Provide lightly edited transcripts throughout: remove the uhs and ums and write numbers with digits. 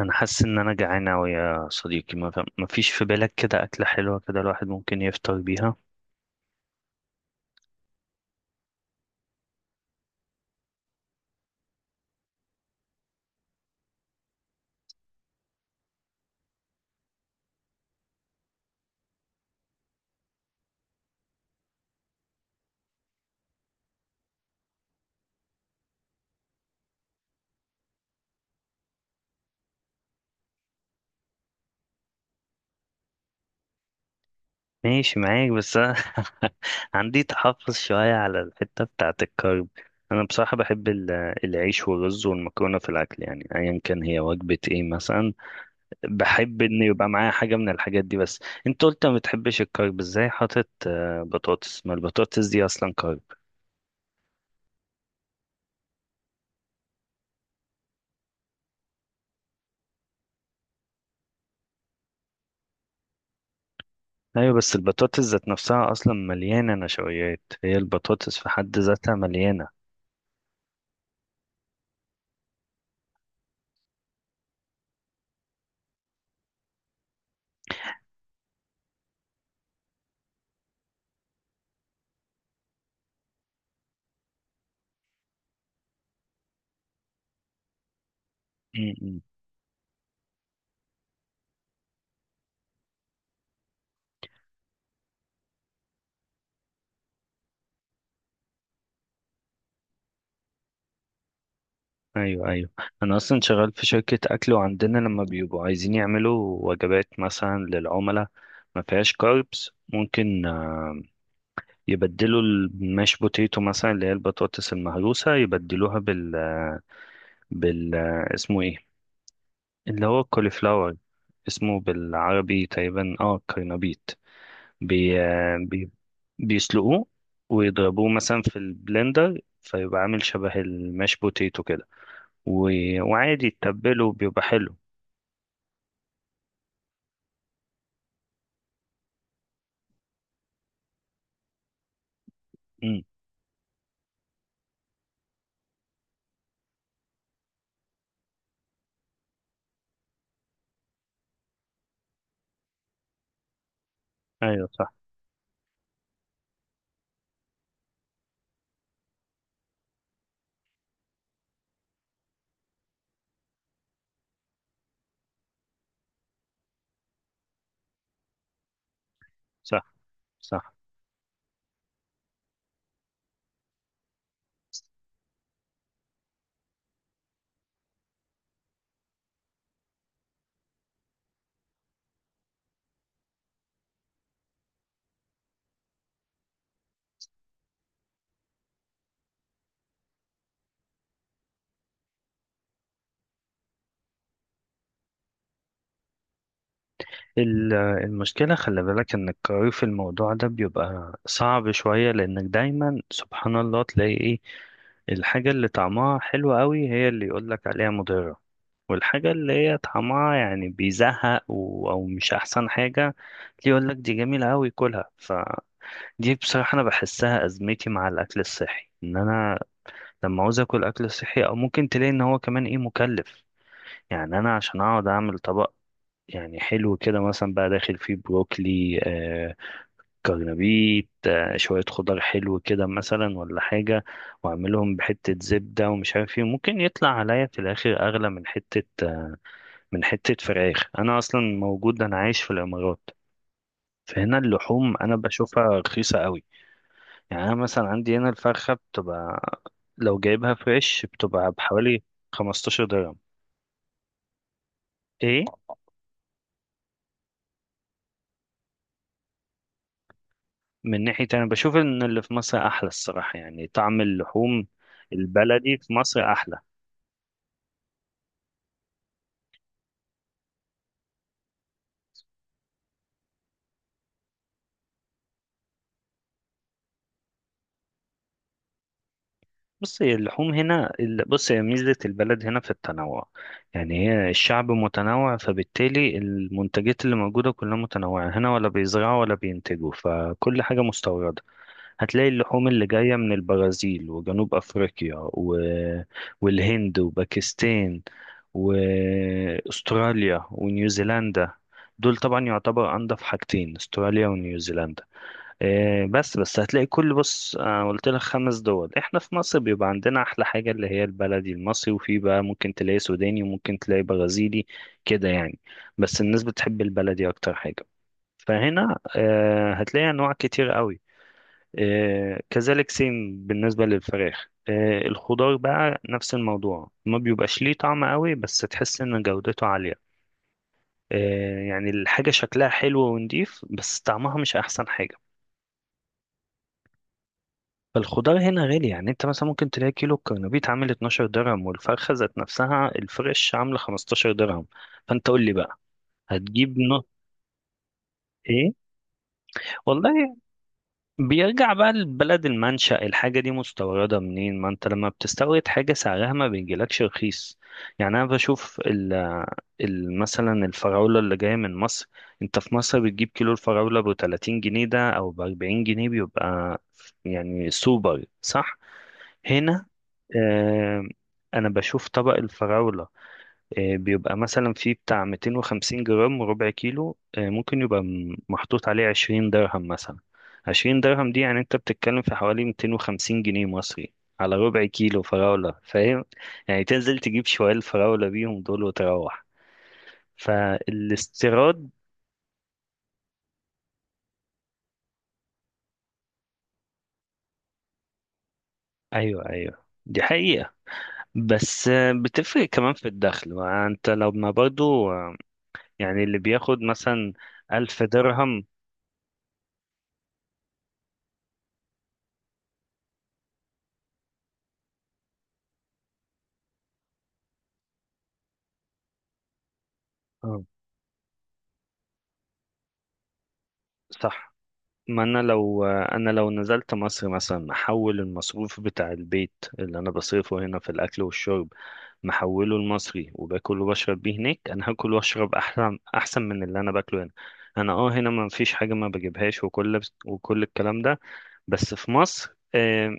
انا حاسس ان انا جعان اوي يا صديقي، ما فيش في بالك كده اكله حلوه كده الواحد ممكن يفطر بيها؟ ماشي معاك بس أنا عندي تحفظ شويه على الحته بتاعه الكرب. انا بصراحه بحب العيش والرز والمكرونه في الاكل، يعني ايا كان هي وجبه ايه مثلا بحب ان يبقى معايا حاجه من الحاجات دي. بس انت قلت ما بتحبش الكرب، ازاي حاطط بطاطس؟ ما البطاطس دي اصلا كرب. ايوه بس البطاطس ذات نفسها اصلا مليانه نشويات، هي البطاطس في حد ذاتها مليانه. امم. ايوه ايوه، انا اصلا شغال في شركه اكل وعندنا لما بيبقوا عايزين يعملوا وجبات مثلا للعملاء ما فيهاش كاربس، ممكن يبدلوا الماش بوتيتو مثلا اللي هي البطاطس المهروسه، يبدلوها بال آه، بال آه، اسمه ايه، اللي هو الكوليفلاور. اسمه بالعربي تقريبا اه كرنبيط. بي... آه، بي... بيسلقوه ويضربوه مثلا في البلندر فيبقى عامل شبه الماش بوتيتو كده، و... وعادي تتبله بيبقى حلو. امم. ايوه صح. صح. صح. المشكلة خلي بالك ان القرار في الموضوع ده بيبقى صعب شوية، لانك دايما سبحان الله تلاقي ايه الحاجة اللي طعمها حلو قوي هي اللي يقولك عليها مضرة، والحاجة اللي هي طعمها يعني بيزهق او مش احسن حاجة، اللي يقولك دي جميلة قوي كلها فدي. بصراحة انا بحسها ازمتي مع الاكل الصحي، ان انا لما عاوز اكل اكل صحي او ممكن تلاقي ان هو كمان ايه مكلف. يعني انا عشان اقعد اعمل طبق يعني حلو كده مثلا بقى داخل فيه بروكلي، كرنبيت، شوية خضار حلو كده مثلا ولا حاجة، واعملهم بحتة زبدة ومش عارف ايه، ممكن يطلع عليا في الاخر اغلى من حتة آه من حتة فراخ. انا اصلا موجود، انا عايش في الامارات، فهنا اللحوم انا بشوفها رخيصة قوي. يعني أنا مثلا عندي هنا الفرخة بتبقى لو جايبها فريش بتبقى بحوالي 15 درهم. إيه؟ من ناحية أنا بشوف إن اللي في مصر أحلى الصراحة، يعني طعم اللحوم البلدي في مصر أحلى. بص هي اللحوم هنا بص هي ميزة البلد هنا في التنوع، يعني هي الشعب متنوع فبالتالي المنتجات اللي موجودة كلها متنوعة، هنا ولا بيزرعوا ولا بينتجوا فكل حاجة مستوردة. هتلاقي اللحوم اللي جاية من البرازيل وجنوب أفريقيا والهند وباكستان وأستراليا ونيوزيلندا. دول طبعا يعتبر أنضف حاجتين أستراليا ونيوزيلندا. بس بس هتلاقي كل بص، قلت لك خمس دول، احنا في مصر بيبقى عندنا أحلى حاجة اللي هي البلدي المصري، وفي بقى ممكن تلاقي سوداني وممكن تلاقي برازيلي كده يعني. بس الناس بتحب البلدي أكتر حاجة. فهنا هتلاقي أنواع كتير قوي. كذلك سيم بالنسبة للفراخ. الخضار بقى نفس الموضوع، ما بيبقاش ليه طعم قوي بس تحس ان جودته عالية. يعني الحاجة شكلها حلو ونضيف بس طعمها مش احسن حاجة. فالخضار هنا غالي، يعني انت مثلا ممكن تلاقي كيلو الكرنبيط عامل 12 درهم، والفرخة ذات نفسها الفريش عاملة 15 درهم. فانت قول لي بقى هتجيب نص ايه؟ والله بيرجع بقى لبلد المنشأ، الحاجة دي مستوردة منين؟ ما انت لما بتستورد حاجة سعرها ما بيجيلكش رخيص. يعني انا بشوف مثلا الفراولة اللي جاية من مصر، انت في مصر بتجيب كيلو الفراولة ب 30 جنيه ده او ب 40 جنيه، بيبقى يعني سوبر صح. هنا آه انا بشوف طبق الفراولة بيبقى مثلا فيه بتاع 250 جرام ربع كيلو، ممكن يبقى محطوط عليه 20 درهم مثلا. 20 درهم دي يعني انت بتتكلم في حوالي 250 جنيه مصري على ربع كيلو فراولة، فاهم؟ يعني تنزل تجيب شوية الفراولة بيهم دول وتروح فالاستيراد. ايوه ايوه دي حقيقة. بس بتفرق كمان في الدخل، ما انت لما برضو يعني اللي بياخد مثلا ألف درهم. آه، صح. ما انا لو انا لو نزلت مصر مثلا احول المصروف بتاع البيت اللي انا بصرفه هنا في الاكل والشرب، محوله لمصري وباكل وبشرب بيه هناك، انا هاكل واشرب احسن احسن من اللي انا باكله هنا. انا اه هنا ما فيش حاجه ما بجيبهاش وكل الكلام ده. بس في مصر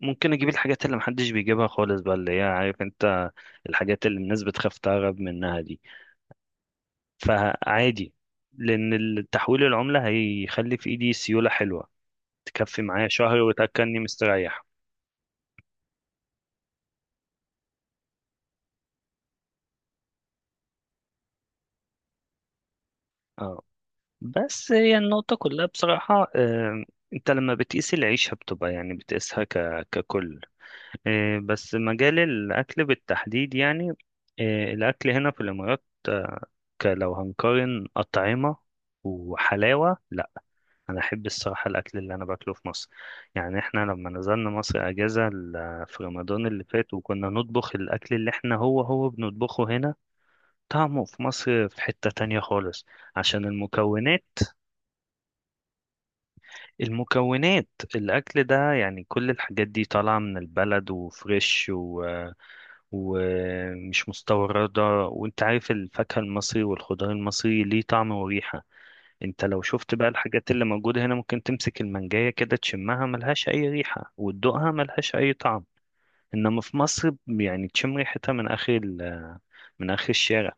ممكن اجيب الحاجات اللي محدش بيجيبها خالص بقى، اللي هي عارف انت الحاجات اللي الناس بتخاف تهرب منها دي. فعادي، لان التحويل العمله هيخلي في ايدي سيوله حلوه تكفي معايا شهر وتأكلني مستريح. اه بس هي النقطة كلها بصراحة، انت لما بتقيس العيشة بتبقى يعني بتقيسها ككل. بس مجال الأكل بالتحديد يعني، الأكل هنا في الإمارات، لو هنقارن أطعمة وحلاوة، لا أنا أحب الصراحة الأكل اللي أنا باكله في مصر. يعني إحنا لما نزلنا مصر أجازة في رمضان اللي فات وكنا نطبخ الأكل اللي إحنا هو بنطبخه هنا، طعمه في مصر في حتة تانية خالص عشان المكونات. المكونات، الأكل ده يعني كل الحاجات دي طالعة من البلد وفريش ومش مستوردة. وانت عارف الفاكهة المصري والخضار المصري ليه طعم وريحة، انت لو شفت بقى الحاجات اللي موجودة هنا ممكن تمسك المانجاية كده تشمها ملهاش أي ريحة وتدوقها ملهاش أي طعم. إنما في مصر يعني تشم ريحتها من من آخر الشارع.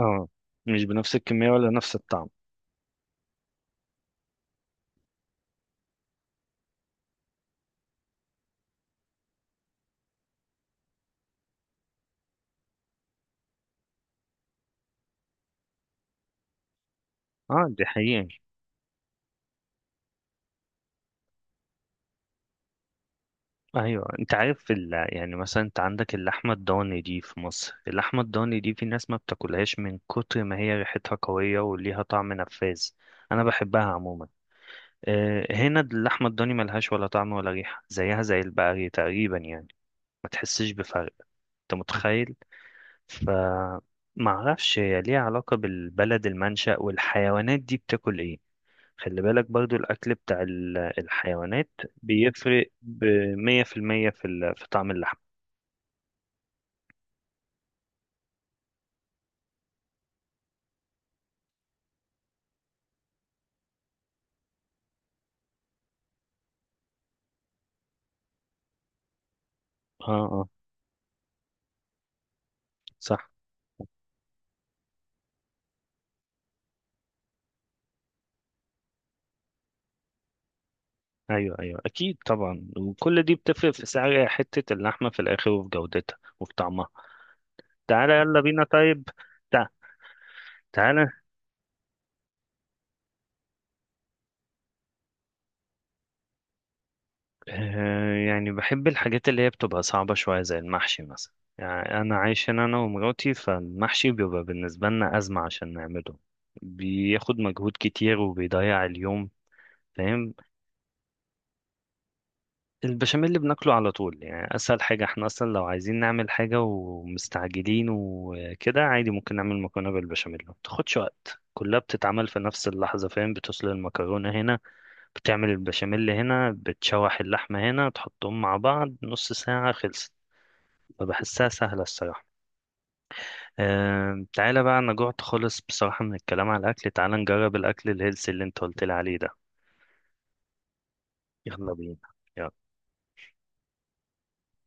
اه مش بنفس الكمية ولا نفس الطعم. اه دي حقيقة. ايوه انت عارف يعني مثلا انت عندك اللحمة الضاني دي في مصر، اللحمة الضاني دي في ناس ما بتاكلهاش من كتر ما هي ريحتها قوية وليها طعم نفاذ، انا بحبها عموما. هنا اللحمة الضاني ملهاش ولا طعم ولا ريحة زيها زي البقري تقريبا، يعني ما تحسش بفرق، انت متخيل؟ ف معرفش هي ليها علاقة بالبلد المنشأ والحيوانات دي بتاكل ايه. خلي بالك برضو الأكل بتاع الحيوانات بيفرق بمية في المية في في طعم اللحم. اه. اه صح. أيوه أيوه أكيد طبعا، وكل دي بتفرق في سعر حتة اللحمة في الآخر وفي جودتها وفي طعمها. تعالى يلا بينا طيب. تع- تعالى، يعني بحب الحاجات اللي هي بتبقى صعبة شوية زي المحشي مثلا. يعني أنا عايش هنا أنا ومراتي، فالمحشي بيبقى بالنسبة لنا أزمة عشان نعمله، بياخد مجهود كتير وبيضيع اليوم، فاهم؟ البشاميل اللي بناكله على طول يعني اسهل حاجه، احنا اصلا لو عايزين نعمل حاجه ومستعجلين وكده عادي ممكن نعمل مكرونه بالبشاميل ما بتاخدش وقت، كلها بتتعمل في نفس اللحظه، فاهم؟ بتوصل المكرونه هنا، بتعمل البشاميل هنا، بتشوح اللحمه هنا، تحطهم مع بعض نص ساعه خلصت، فبحسها سهله الصراحه. أه تعالى بقى انا جوعت خالص بصراحه من الكلام على الاكل، تعالى نجرب الاكل الهيلثي اللي انت قلت لي عليه ده. يلا بينا. يلا.